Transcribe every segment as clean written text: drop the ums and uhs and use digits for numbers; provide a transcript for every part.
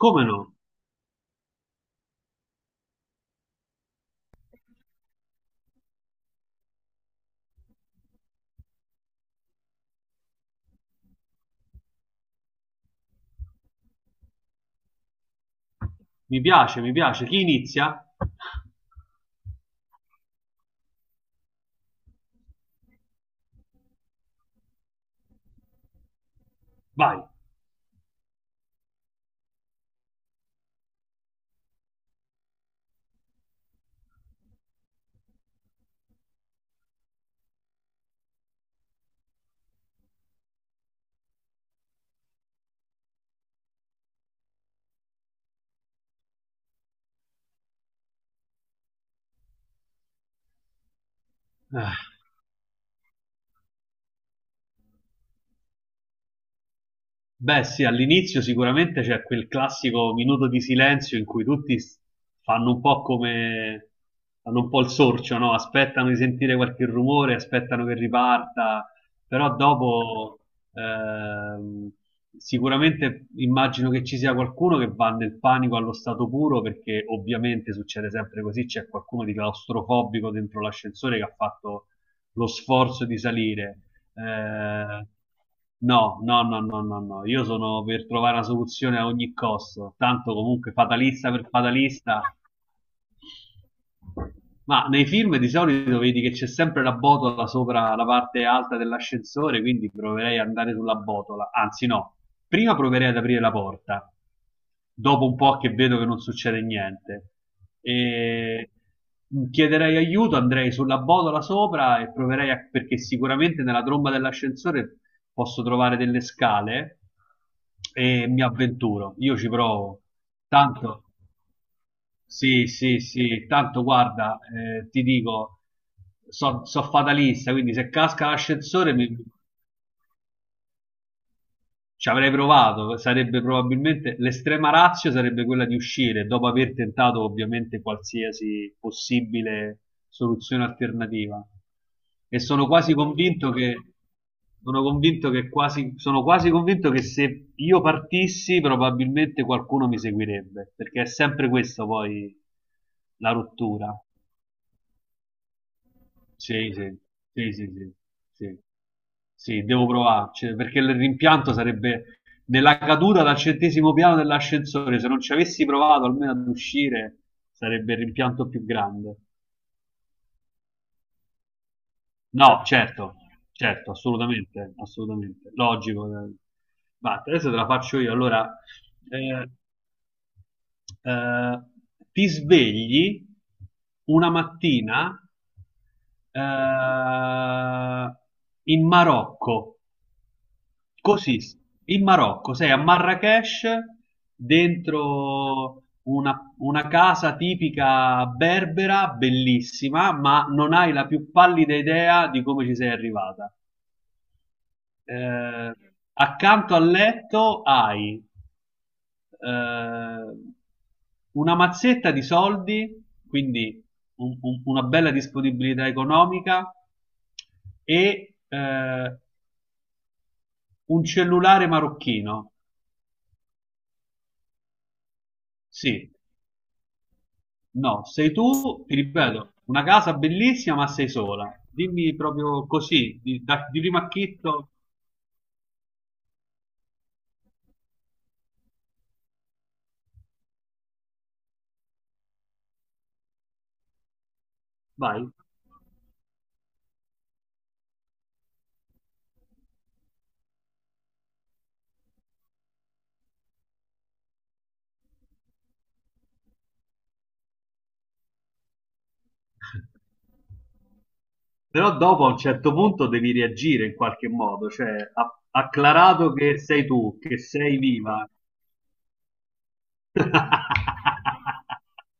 Come no, mi piace, chi inizia? Vai! Eh, Beh, sì, all'inizio sicuramente c'è quel classico minuto di silenzio in cui fanno un po' come fanno un po' il sorcio, no? Aspettano di sentire qualche rumore, aspettano che riparta, però dopo ehm, sicuramente immagino che ci sia qualcuno che va nel panico allo stato puro perché ovviamente succede sempre così, c'è qualcuno di claustrofobico dentro l'ascensore che ha fatto lo sforzo di salire. eh, no, no, no, no, no, no. Io sono per trovare una soluzione a ogni costo. Tanto comunque fatalista per fatalista. Ma nei film di solito vedi che c'è sempre la botola sopra la parte alta dell'ascensore, quindi proverei ad andare sulla botola. Anzi, no, prima proverei ad aprire la porta dopo un po' che vedo che non succede niente. E chiederei aiuto, andrei sulla botola sopra e proverei a, perché sicuramente nella tromba dell'ascensore posso trovare delle scale e mi avventuro. Io ci provo. Tanto, sì, sì, sì, tanto guarda, ti dico, so, so fatalista, quindi se casca l'ascensore mi... Ci avrei provato, sarebbe probabilmente l'estrema ratio sarebbe quella di uscire dopo aver tentato ovviamente qualsiasi possibile soluzione alternativa. E sono quasi convinto che sono convinto che quasi sono quasi convinto che se io partissi probabilmente qualcuno mi seguirebbe, perché è sempre questa poi la rottura. Sì, sì, sì, sì, sì, sì, sì, devo provarci, perché il rimpianto sarebbe della caduta dal centesimo piano dell'ascensore, se non ci avessi provato almeno ad uscire, sarebbe il rimpianto più grande. No, certo, certo, assolutamente, assolutamente, logico. Ma adesso te la faccio io, allora, eh, eh, ti svegli una mattina eh, in Marocco. Così, in Marocco, sei a Marrakech, dentro una casa tipica berbera, bellissima, ma non hai la più pallida idea di come ci sei arrivata. Eh, accanto al letto hai eh, una mazzetta di soldi, quindi una bella disponibilità economica e un cellulare marocchino. Sì, no, sei tu, ti ripeto, una casa bellissima, ma sei sola. Dimmi proprio così, di primo acchitto, vai. Però dopo a un certo punto devi reagire in qualche modo, cioè, acclarato che sei tu, che sei viva.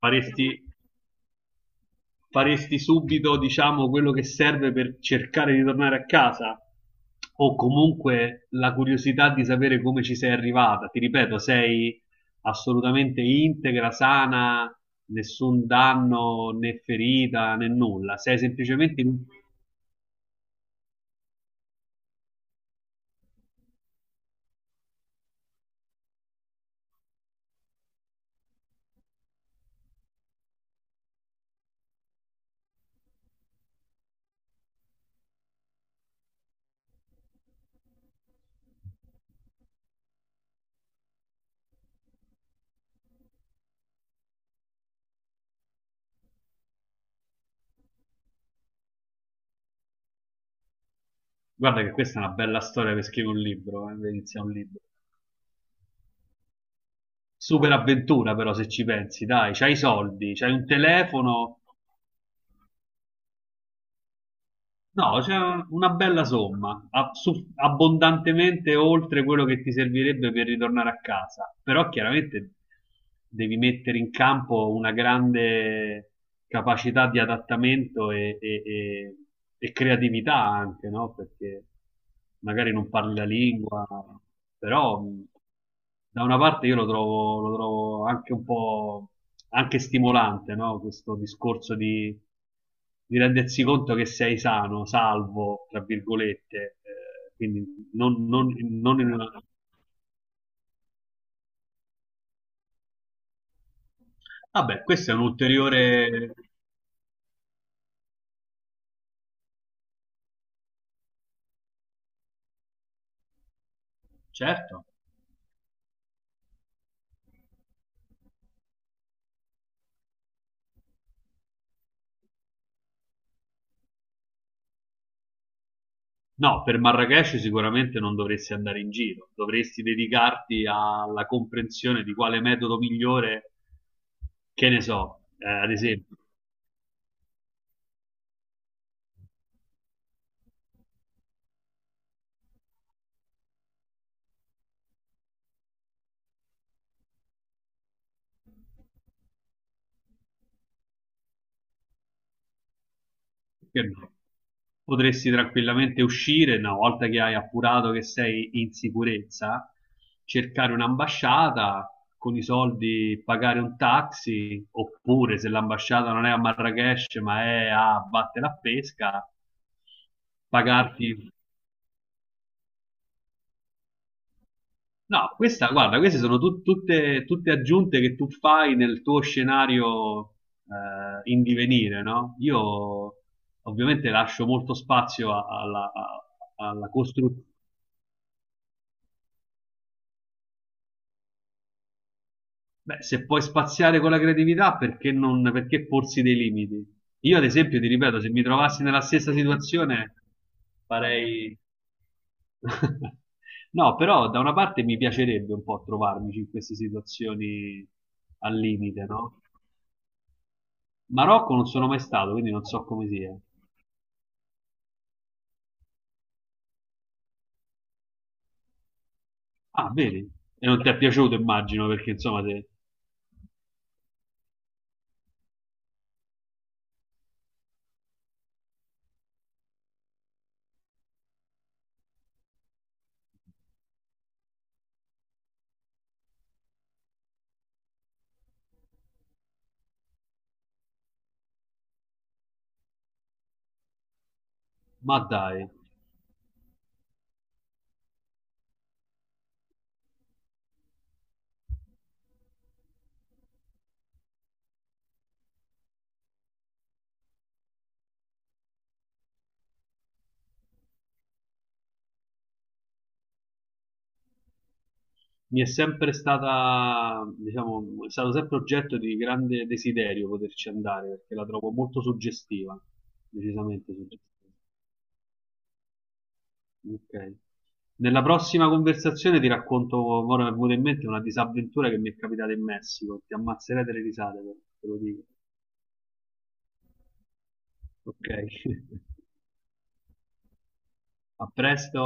Faresti faresti subito, diciamo, quello che serve per cercare di tornare a casa? O comunque la curiosità di sapere come ci sei arrivata? Ti ripeto, sei assolutamente integra, sana, nessun danno né ferita né nulla. Sei semplicemente. Guarda che questa è una bella storia per scrivere un libro, per iniziare un libro. Super avventura, però, se ci pensi, dai, c'hai i soldi, c'hai un telefono. No, una bella somma, abbondantemente oltre quello che ti servirebbe per ritornare a casa, però chiaramente devi mettere in campo una grande capacità di adattamento e e creatività anche, no? Perché magari non parli la lingua, però da una parte io lo trovo anche un po' anche stimolante, no? Questo discorso di rendersi conto che sei sano, salvo, tra virgolette, quindi non, non- non in una... Vabbè, questo è un ulteriore... Certo. No, per Marrakesh sicuramente non dovresti andare in giro, dovresti dedicarti alla comprensione di quale metodo migliore, che ne so, ad esempio. Perché no? Potresti tranquillamente uscire, una volta che hai appurato che sei in sicurezza, cercare un'ambasciata, con i soldi pagare un taxi, oppure se l'ambasciata non è a Marrakech ma è a Batte la Pesca, pagarti. No, questa, guarda, queste sono tutte, tutte aggiunte che tu fai nel tuo scenario in divenire, no? Io ovviamente lascio molto spazio alla, alla costruzione. Beh, se puoi spaziare con la creatività, perché non, perché porsi dei limiti? Io, ad esempio, ti ripeto, se mi trovassi nella stessa situazione, farei... No, però da una parte mi piacerebbe un po' trovarmi in queste situazioni al limite, no? Marocco non sono mai stato, quindi non so come sia. Ah, vedi? E non ti è piaciuto, immagino, perché insomma te... Ma dai, mi è sempre stata, diciamo, è stato sempre oggetto di grande desiderio poterci andare, perché la trovo molto suggestiva, decisamente suggestiva. Ok. Nella prossima conversazione ti racconto, ora mi è venuta in mente una disavventura che mi è capitata in Messico, ti ammazzerete le risate, te lo dico. Ok. A presto.